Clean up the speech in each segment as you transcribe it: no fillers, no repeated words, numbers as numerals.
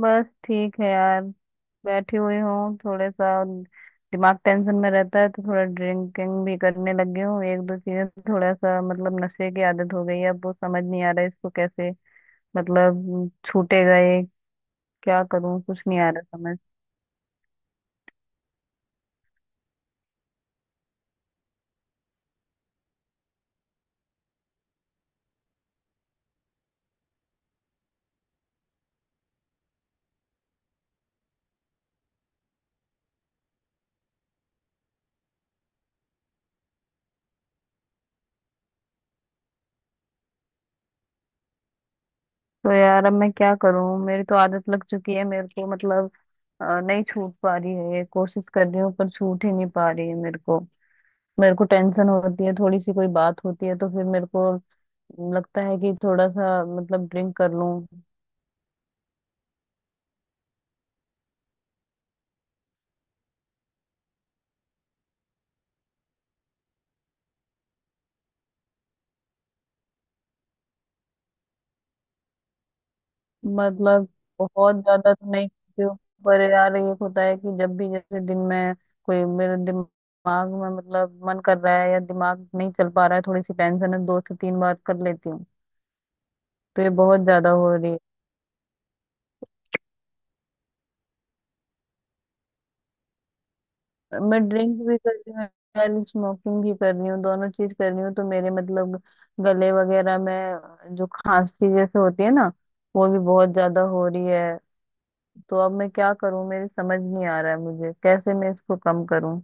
बस ठीक है यार। बैठी हुई हूँ, थोड़ा सा दिमाग टेंशन में रहता है, तो थोड़ा ड्रिंकिंग भी करने लगी हूँ। एक दो चीजें, थोड़ा सा मतलब नशे की आदत हो गई है। अब वो समझ नहीं आ रहा है इसको कैसे मतलब छूटे गए। क्या करूँ, कुछ नहीं आ रहा समझ। तो यार अब मैं क्या करूँ, मेरी तो आदत लग चुकी है मेरे को। नहीं छूट पा रही है, ये कोशिश कर रही हूँ पर छूट ही नहीं पा रही है मेरे को। मेरे को टेंशन होती है, थोड़ी सी कोई बात होती है तो फिर मेरे को लगता है कि थोड़ा सा मतलब ड्रिंक कर लूं। मतलब बहुत ज्यादा तो नहीं पीती हूँ, पर यार ये होता है कि जब भी, जैसे दिन में कोई मेरे दिमाग में मतलब मन कर रहा है या दिमाग नहीं चल पा रहा है, थोड़ी सी टेंशन है, 2 से 3 बार कर लेती हूँ। तो ये बहुत ज्यादा हो रही है। मैं ड्रिंक भी कर रही हूँ यार, स्मोकिंग भी कर रही हूँ, दोनों चीज कर रही हूँ। तो मेरे मतलब गले वगैरह में जो खांसी जैसे होती है ना, वो भी बहुत ज्यादा हो रही है। तो अब मैं क्या करूं, मेरे समझ नहीं आ रहा है मुझे कैसे मैं इसको कम करूं।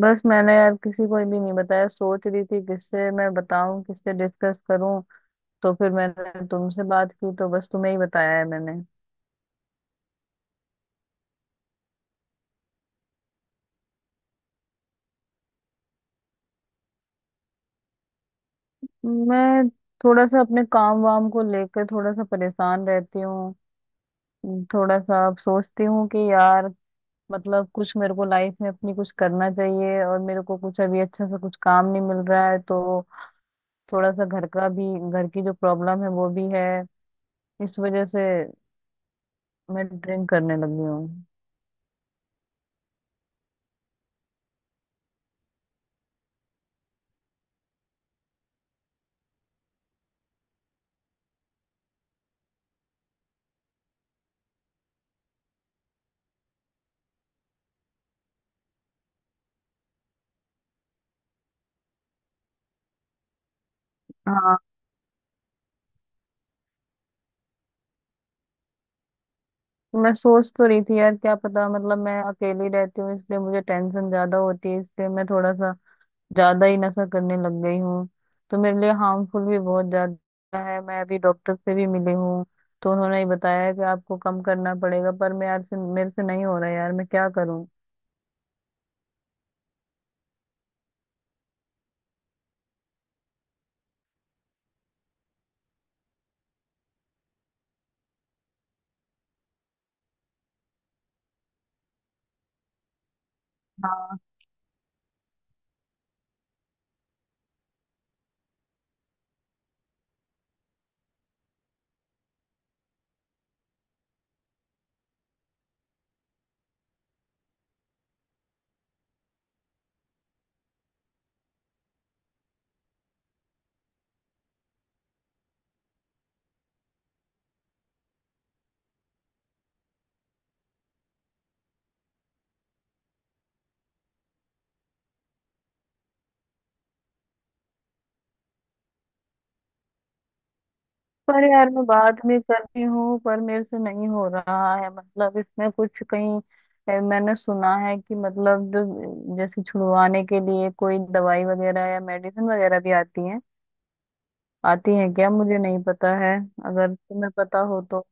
बस मैंने यार किसी को भी नहीं बताया, सोच रही थी किससे मैं बताऊं, किससे डिस्कस करूं। तो फिर मैंने तुमसे बात की, तो बस तुम्हें ही बताया है मैंने। मैं थोड़ा सा अपने काम वाम को लेकर थोड़ा सा परेशान रहती हूँ। थोड़ा सा अब सोचती हूँ कि यार मतलब कुछ मेरे को लाइफ में अपनी कुछ करना चाहिए, और मेरे को कुछ अभी अच्छा सा कुछ काम नहीं मिल रहा है। तो थोड़ा सा घर का भी, घर की जो प्रॉब्लम है वो भी है। इस वजह से मैं ड्रिंक करने लगी हूँ। हाँ, मैं सोच तो रही थी यार, क्या पता मतलब मैं अकेली रहती हूँ इसलिए मुझे टेंशन ज्यादा होती है, इसलिए मैं थोड़ा सा ज्यादा ही नशा करने लग गई हूँ। तो मेरे लिए हार्मफुल भी बहुत ज्यादा है। मैं अभी डॉक्टर से भी मिली हूँ, तो उन्होंने ही बताया है कि आपको कम करना पड़ेगा। पर मैं मेरे से नहीं हो रहा है यार, मैं क्या करूँ। पर यार, मैं बाद में कर रही हूँ पर मेरे से नहीं हो रहा है, मतलब इसमें कुछ कहीं मैंने सुना है कि मतलब जो, जैसे छुड़वाने के लिए कोई दवाई वगैरह या मेडिसिन वगैरह भी आती है। आती है क्या, मुझे नहीं पता है। अगर तुम्हें पता हो तो।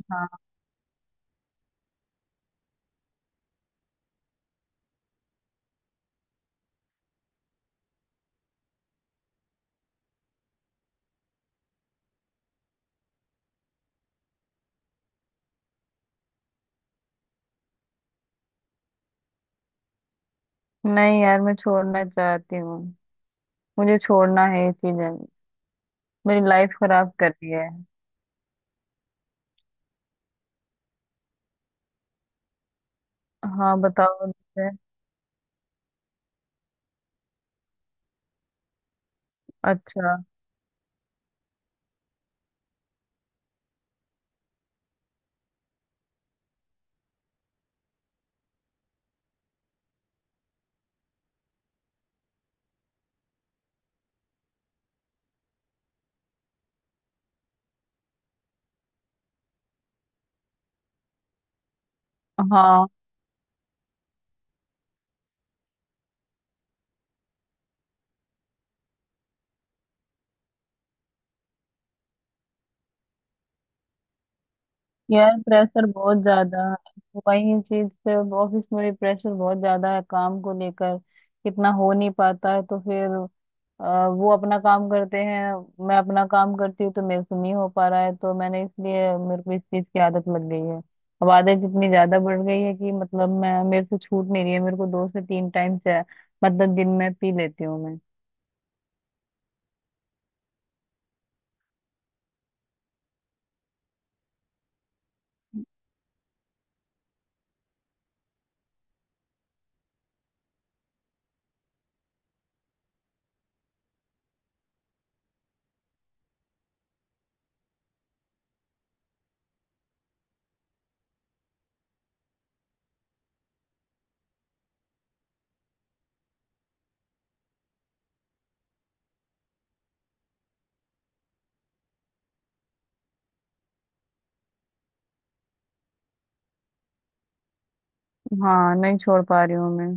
हाँ, नहीं यार मैं छोड़ना चाहती हूँ। मुझे छोड़ना है ये चीजें, मेरी लाइफ खराब कर रही है। हाँ बताओ मुझे। अच्छा। हाँ यार, प्रेशर बहुत ज्यादा है, तो वही चीज से ऑफिस में भी प्रेशर बहुत ज्यादा है काम को लेकर। कितना हो नहीं पाता है तो फिर वो अपना काम करते हैं, मैं अपना काम करती हूँ, तो मेरे से नहीं हो पा रहा है, तो मैंने इसलिए मेरे को इस चीज की आदत लग गई है। अब आदत इतनी ज्यादा बढ़ गई है कि मतलब मैं, मेरे से छूट नहीं रही है। मेरे को 2 से 3 टाइम चाय मतलब दिन में पी लेती हूँ मैं। हाँ, नहीं छोड़ पा रही हूँ मैं।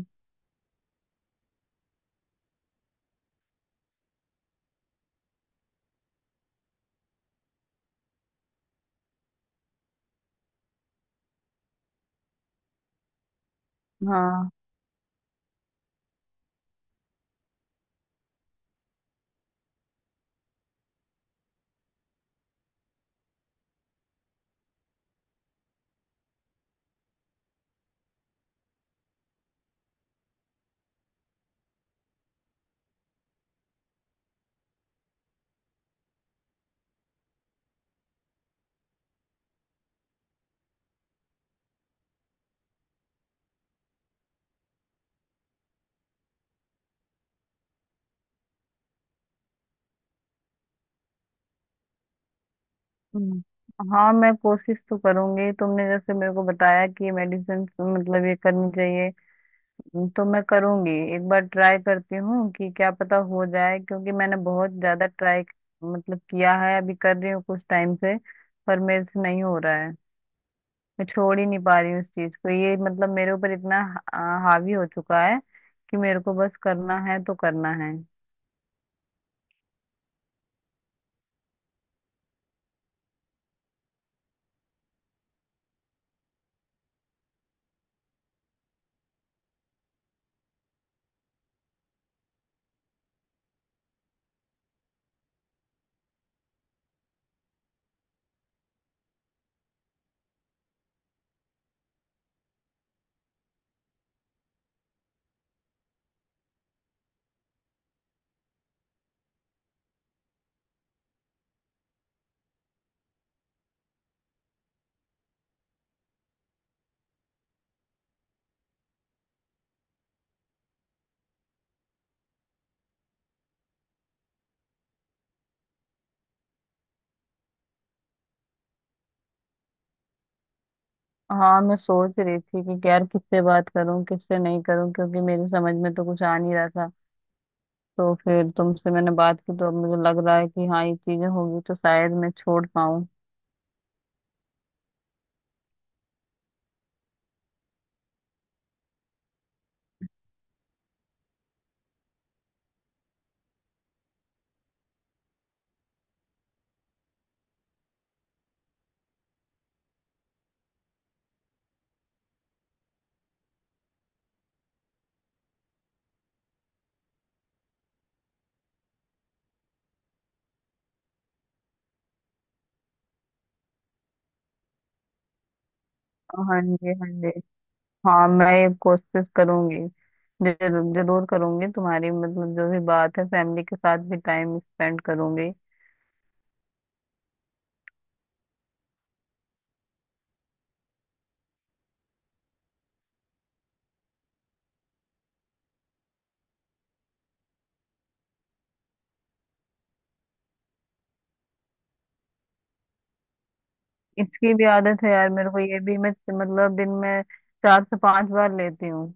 हाँ। हम्म। हाँ मैं कोशिश तो करूंगी, तुमने जैसे मेरे को बताया कि ये मेडिसिन मतलब ये करनी चाहिए, तो मैं करूंगी। एक बार ट्राई करती हूँ, कि क्या पता हो जाए, क्योंकि मैंने बहुत ज्यादा ट्राई मतलब किया है, अभी कर रही हूँ कुछ टाइम से। पर मेरे से नहीं हो रहा है, मैं छोड़ ही नहीं पा रही हूँ इस चीज को। ये मतलब मेरे ऊपर इतना हावी हो चुका है कि मेरे को, बस करना है तो करना है। हाँ मैं सोच रही थी कि यार किससे बात करूं, किससे नहीं करूं, क्योंकि मेरी समझ में तो कुछ आ नहीं रहा था। तो फिर तुमसे मैंने बात की, तो अब मुझे लग रहा है कि हाँ ये चीजें होगी, तो शायद मैं छोड़ पाऊँ। हाँ जी, हाँ जी। हाँ मैं ये कोशिश करूंगी, जरूर जरूर करूंगी। तुम्हारी मतलब जो भी बात है, फैमिली के साथ भी टाइम स्पेंड करूंगी। इसकी भी आदत है यार मेरे को, ये भी मैं मतलब दिन में 4 से 5 बार लेती हूँ।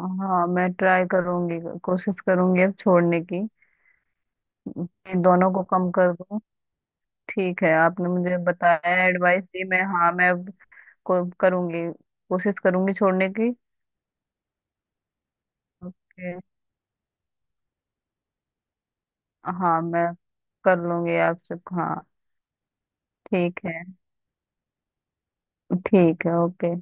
हाँ मैं ट्राई करूंगी, कोशिश करूंगी अब छोड़ने की, इन दोनों को कम कर दूं। ठीक है, आपने मुझे बताया, एडवाइस दी, मैं हाँ, मैं अब को करूंगी, कोशिश करूंगी छोड़ने की। ओके। हाँ मैं कर लूंगी आपसे, हाँ। ठीक है। ठीक है, ओके।